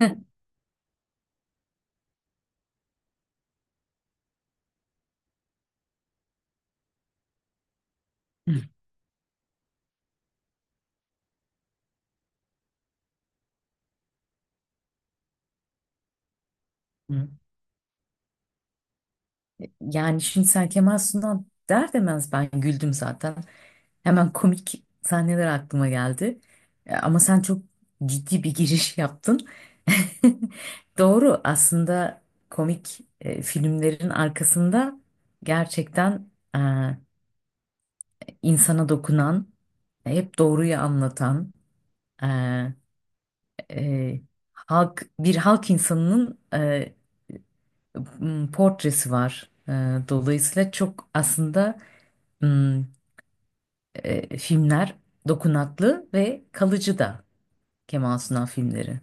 Hı. Hı. Yani şimdi sen Kemal Sunal der demez ben güldüm zaten. Hemen komik sahneler aklıma geldi. Ama sen çok ciddi bir giriş yaptın. Doğru aslında komik filmlerin arkasında gerçekten insana dokunan, hep doğruyu anlatan, e, e, bir halk insanının portresi var. E, Dolayısıyla çok aslında, m, filmler dokunaklı ve kalıcı da Kemal Sunal filmleri.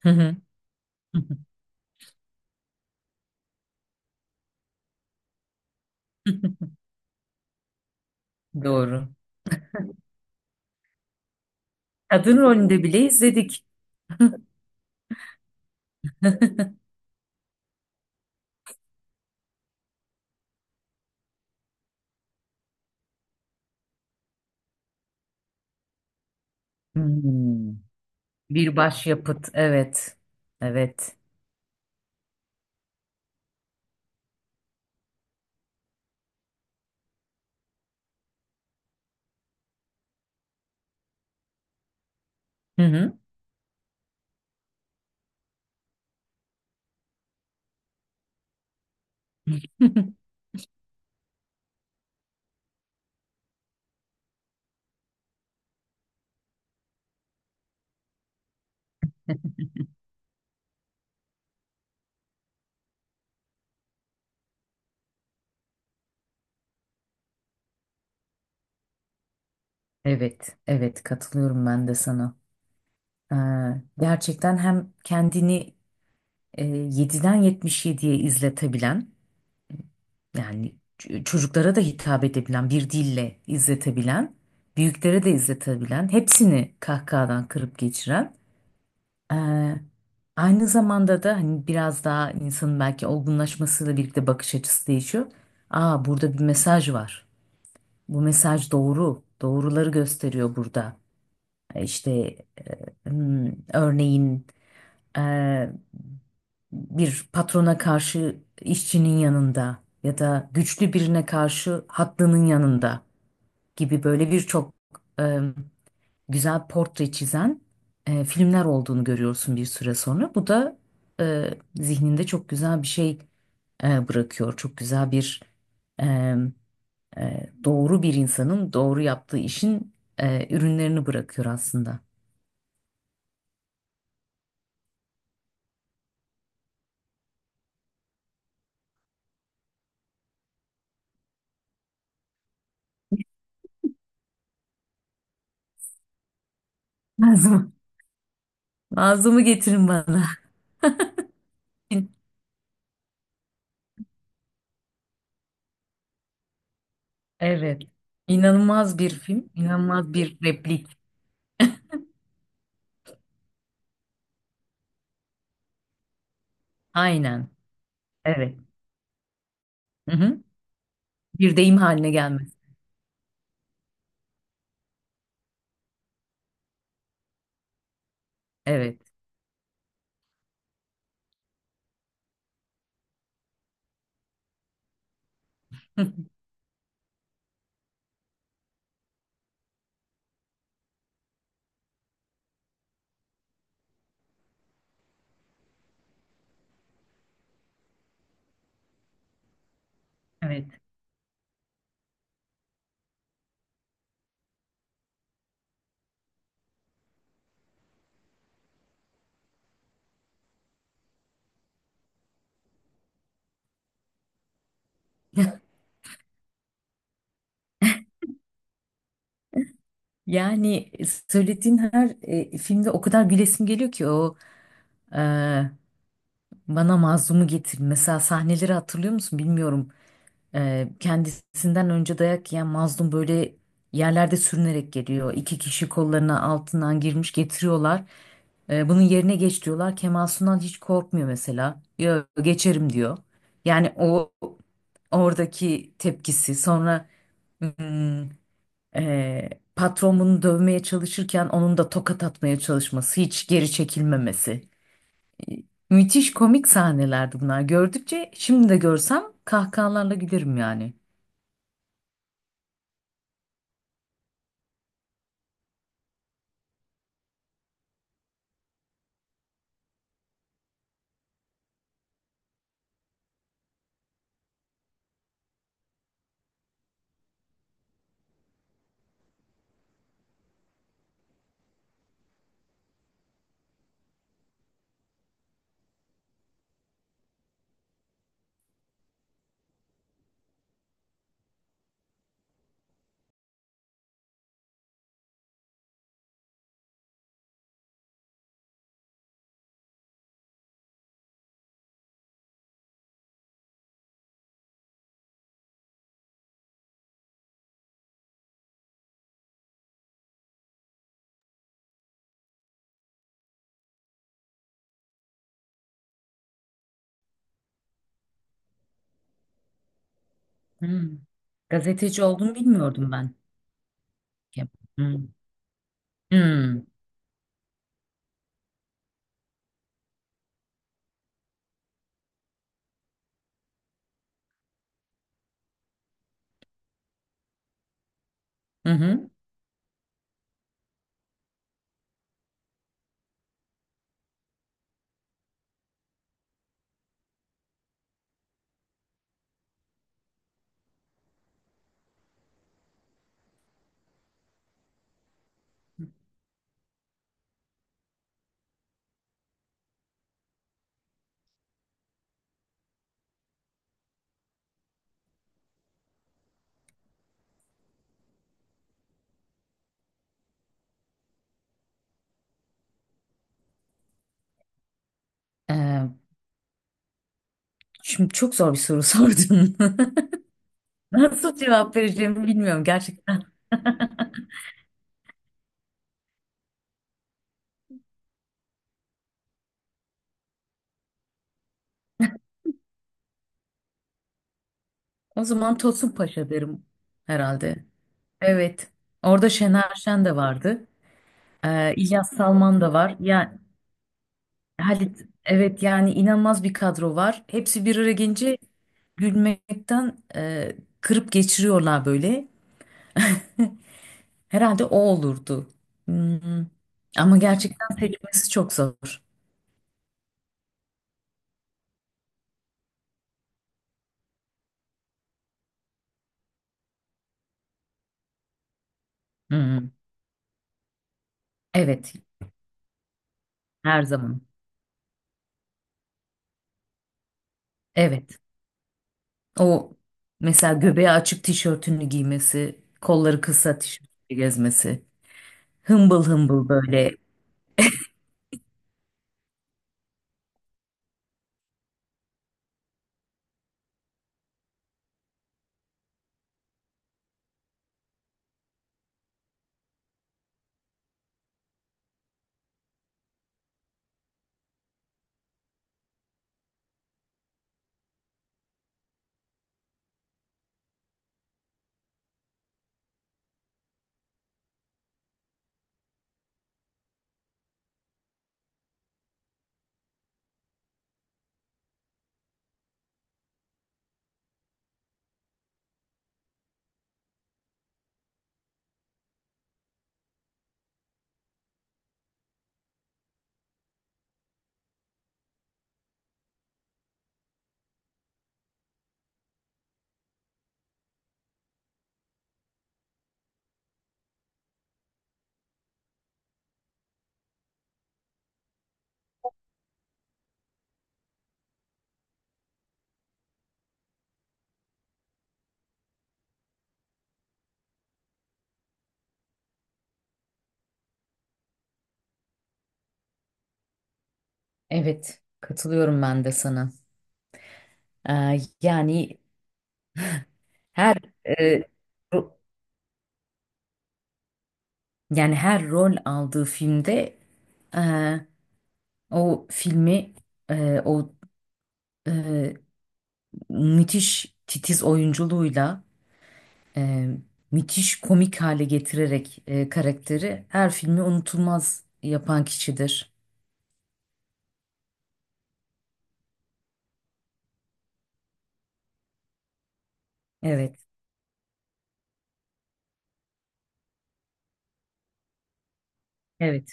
Hı hı. Doğru. Kadın rolünde bile izledik. Hmm. Bir başyapıt. Evet. Evet. Hı hı. Evet. Evet, katılıyorum ben de sana. Ee, Gerçekten hem kendini, 7'den 77'ye izletebilen, yani çocuklara da hitap edebilen, bir dille izletebilen, büyüklere de izletebilen, hepsini kahkahadan kırıp geçiren, eee, aynı zamanda da hani biraz daha insanın belki olgunlaşmasıyla birlikte bakış açısı değişiyor. Aa, burada bir mesaj var. Bu mesaj doğru. Doğruları gösteriyor burada. İşte örneğin, eee, bir patrona karşı işçinin yanında ya da güçlü birine karşı haklının yanında gibi, böyle birçok eee, güzel portre çizen filmler olduğunu görüyorsun bir süre sonra. Bu da zihninde çok güzel bir şey bırakıyor. Çok güzel bir, eee, doğru bir insanın doğru yaptığı işin ürünlerini bırakıyor aslında. Nazım, Nazım'ı getirin bana. Evet. İnanılmaz bir film, inanılmaz bir replik. Aynen. Evet. Hı hı. Bir deyim haline gelmez. Evet. Evet. Yani, söylediğin her filmde o kadar gülesim geliyor ki. E, Bana mazlumu getir. Mesela sahneleri hatırlıyor musun, bilmiyorum. Kendisinden önce dayak yiyen mazlum böyle yerlerde sürünerek geliyor. İki kişi kollarına altından girmiş getiriyorlar. Bunun yerine geç diyorlar. Kemal Sunal hiç korkmuyor mesela. Yo, geçerim diyor. Yani oradaki tepkisi, sonra hmm, e, patron bunu dövmeye çalışırken onun da tokat atmaya çalışması, hiç geri çekilmemesi. Ee, Müthiş komik sahnelerdi bunlar. Gördükçe, şimdi de görsem, kahkahalarla gülerim yani. Hmm. Gazeteci olduğunu bilmiyordum ben. Hmm. Hmm. Hı hı. Ee, Şimdi çok zor bir soru sordun. Nasıl cevap vereceğimi bilmiyorum gerçekten. O zaman Tosun Paşa derim herhalde. Evet. Orada Şener Şen de vardı. İlyas Salman da var. Yani Halit, evet, yani inanılmaz bir kadro var. Hepsi bir araya gelince gülmekten, kırıp geçiriyorlar böyle. Herhalde o olurdu. Hmm. Ama gerçekten seçmesi çok zor. Hmm. Evet, her zaman. Evet. O, mesela göbeği açık tişörtünü giymesi, kolları kısa tişörtü gezmesi. Hımbıl hımbıl böyle. Evet, katılıyorum ben de sana. Yani her e, ro- yani her rol aldığı filmde, e, o filmi, e, o e, müthiş titiz oyunculuğuyla, e, müthiş komik hale getirerek, karakteri, her filmi unutulmaz yapan kişidir. Evet, evet.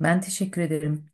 Ben teşekkür ederim.